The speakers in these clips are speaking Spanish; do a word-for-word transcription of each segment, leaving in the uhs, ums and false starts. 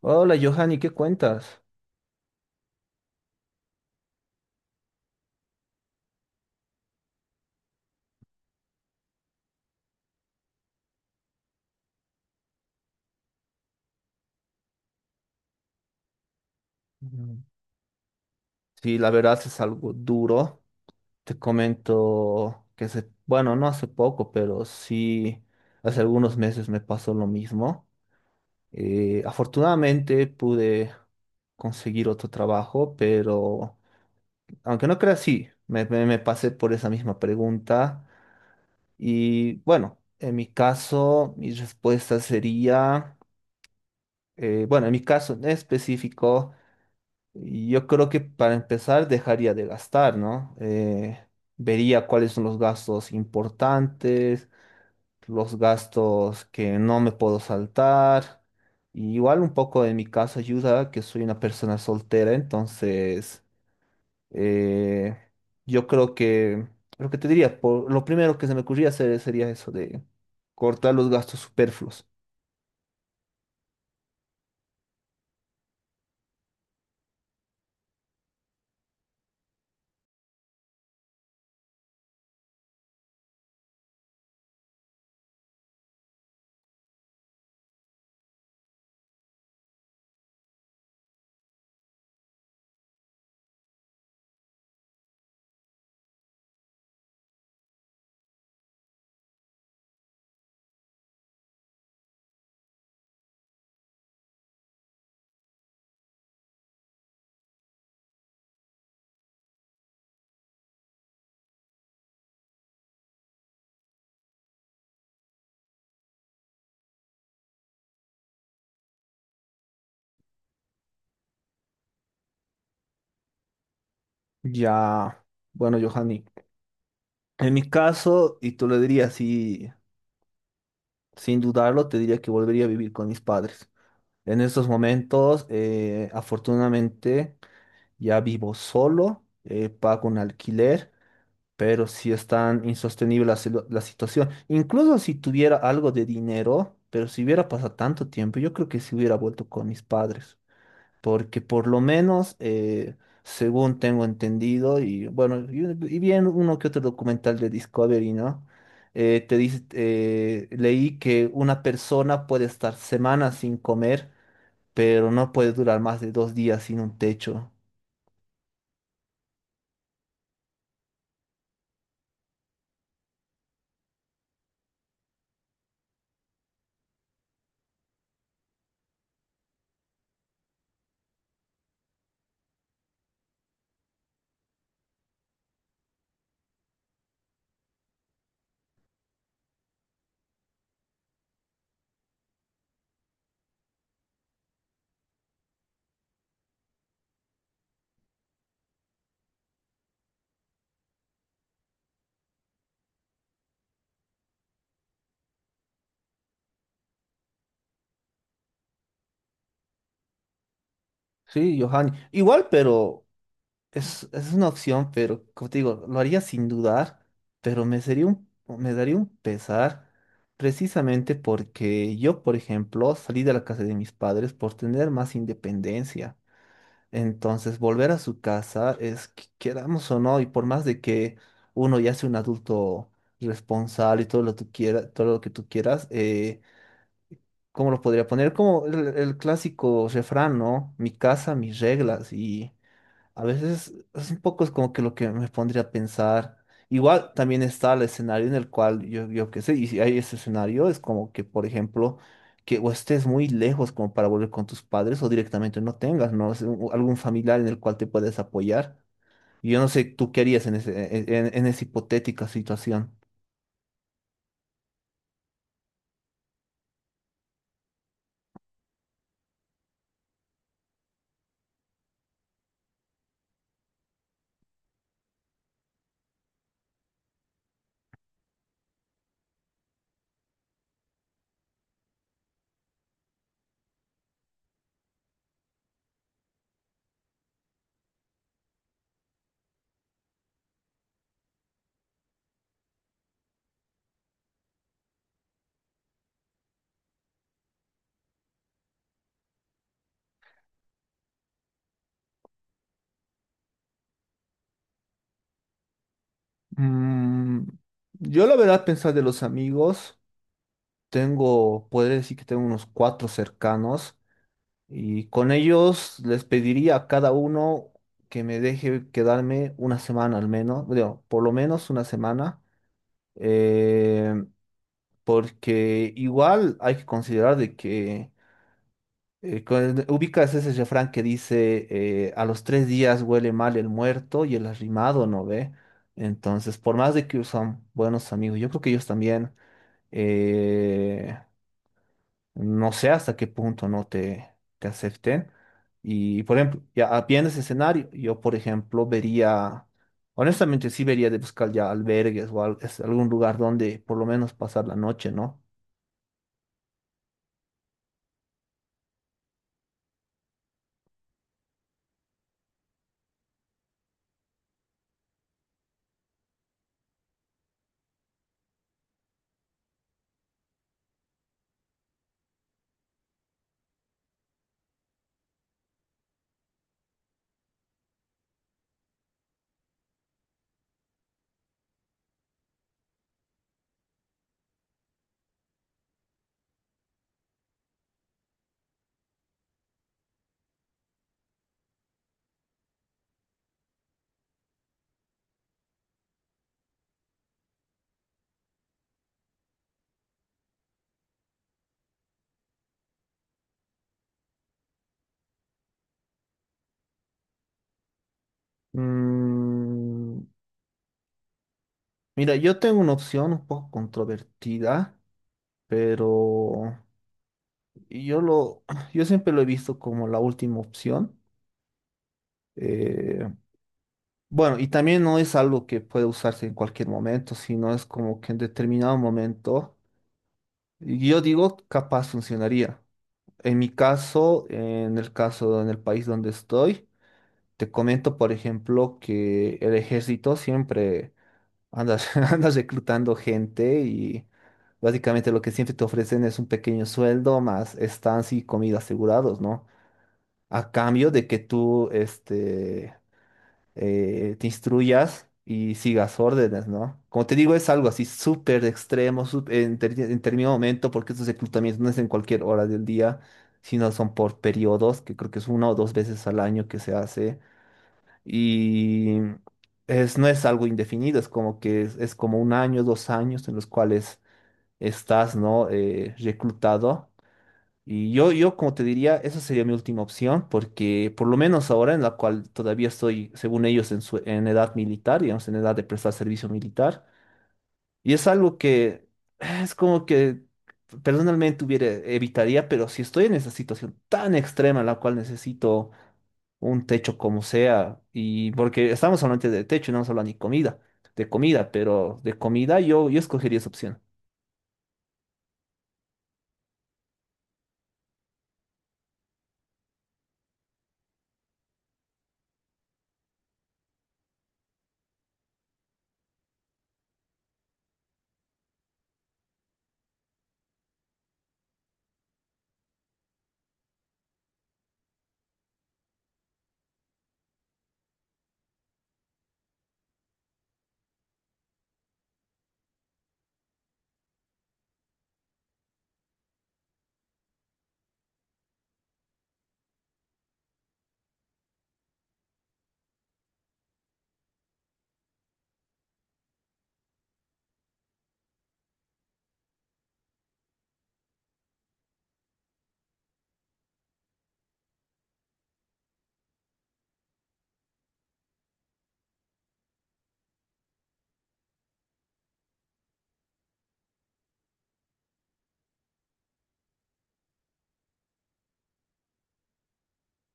Hola, Johanny, ¿qué cuentas? Mm. Sí, la verdad es algo duro. Te comento que hace, bueno, no hace poco, pero sí, hace algunos meses me pasó lo mismo. Eh, afortunadamente pude conseguir otro trabajo, pero aunque no creas, sí, me, me- me pasé por esa misma pregunta. Y bueno, en mi caso, mi respuesta sería, eh, bueno, en mi caso en específico. Yo creo que para empezar dejaría de gastar, ¿no? Eh, vería cuáles son los gastos importantes, los gastos que no me puedo saltar. Y igual un poco en mi caso ayuda que soy una persona soltera, entonces eh, yo creo que lo que te diría, por, lo primero que se me ocurría hacer sería eso de cortar los gastos superfluos. Ya, bueno, Johanny, en mi caso, y tú lo dirías, sí. Sin dudarlo, te diría que volvería a vivir con mis padres. En estos momentos, eh, afortunadamente, ya vivo solo, eh, pago un alquiler, pero sí es tan insostenible la, silu- la situación. Incluso si tuviera algo de dinero, pero si hubiera pasado tanto tiempo, yo creo que sí hubiera vuelto con mis padres porque por lo menos, eh, según tengo entendido, y bueno, y, y bien uno que otro documental de Discovery, ¿no? Eh, te dice, eh, leí que una persona puede estar semanas sin comer, pero no puede durar más de dos días sin un techo. Sí, Johanny. Igual, pero Es, es una opción, pero como te digo, lo haría sin dudar, pero me sería un, me daría un pesar precisamente porque yo, por ejemplo, salí de la casa de mis padres por tener más independencia. Entonces, volver a su casa es, que- queramos o no, y por más de que uno ya sea un adulto responsable y todo lo que tú quieras, todo lo que tú quieras, eh, ¿cómo lo podría poner? Como el, el clásico refrán, ¿no? Mi casa, mis reglas, a veces es un poco es como que lo que me pondría a pensar. Igual también está el escenario en el cual yo, yo qué sé, y si hay ese escenario, es como que, por ejemplo, que o estés muy lejos como para volver con tus padres o directamente no tengas, ¿no? Es un- algún familiar en el cual te puedes apoyar. Y yo no sé, ¿tú qué harías en ese, en, en- en esa hipotética situación? Mm, yo la verdad pensar de los amigos, tengo, podría decir que tengo unos cuatro cercanos. Y con ellos les pediría a cada uno que me deje quedarme una semana al menos, digo, por lo menos una semana, eh, porque igual hay que considerar de que, eh, con- ubicas ese refrán que dice, eh, a los tres días huele mal el muerto y el arrimado no ve. Entonces, por más de que son buenos amigos, yo creo que ellos también... eh, no sé hasta qué punto no te, te acepten. Y, por ejemplo, ya ah, viendo ese escenario, yo, por ejemplo, vería, honestamente, sí vería de buscar ya albergues o al- es- algún lugar donde por lo menos pasar la noche, ¿no? Mm, mira, yo tengo una opción un poco controvertida, pero yo lo, yo siempre lo he visto como la última opción. Eh, bueno, y también no es algo que puede usarse en cualquier momento, sino es como que en determinado momento yo digo, capaz funcionaría. En mi caso, en el caso, en el país donde estoy, te comento, por ejemplo, que el ejército siempre anda, anda reclutando gente y básicamente lo que siempre te ofrecen es un pequeño sueldo más estancia y comida asegurados, ¿no? A cambio de que tú, este, eh, te instruyas y sigas órdenes, ¿no? Como te digo, es algo así súper extremo, sup- en, ter- en determinado momento, porque estos reclutamientos no es en cualquier hora del día, sino son por periodos, que creo que es una o dos veces al año que se hace, y es, no es algo indefinido, es como que es, es como un año, dos años en los cuales estás, ¿no? eh, reclutado. Y yo, yo, como te diría, esa sería mi última opción, porque por lo menos ahora en la cual todavía estoy, según ellos, en, su- en edad militar, digamos, en edad de prestar servicio militar, y es algo que eh, es como que personalmente hubiera, evitaría, pero si estoy en esa situación tan extrema en la cual necesito un techo como sea, y porque estamos hablando de techo, no estamos hablando ni comida, de comida, pero de comida yo, yo escogería esa opción.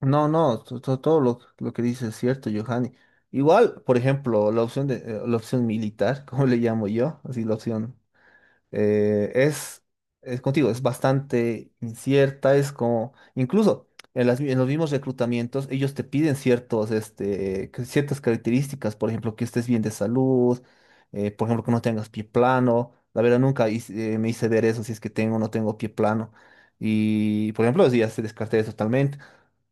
No, no, to- to- todo lo, lo que dices es cierto, Johanny. Igual, por ejemplo, la opción de eh, la opción militar, como le llamo yo, así la opción eh, es, es contigo, es bastante incierta, es como, incluso en, las mi- en los mismos reclutamientos, ellos te piden ciertos, este, que- ciertas características, por ejemplo, que estés bien de salud, eh, por ejemplo, que no tengas pie plano. La verdad, nunca hice- eh, me hice ver eso, si es que tengo o no tengo pie plano. Y, por ejemplo, así ya se descarté totalmente.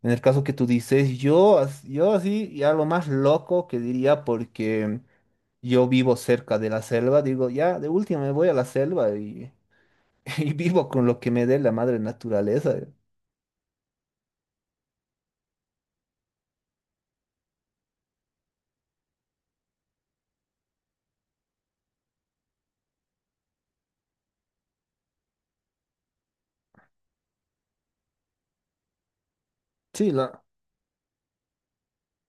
En el caso que tú dices, yo, as- yo así, ya lo más loco que diría, porque yo vivo cerca de la selva, digo, ya, de última me voy a la selva y, y vivo con lo que me dé la madre naturaleza. Sí, la,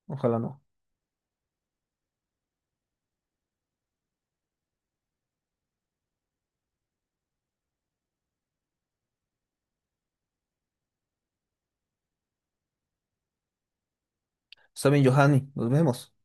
ojalá no. Está bien, Johanny, nos vemos.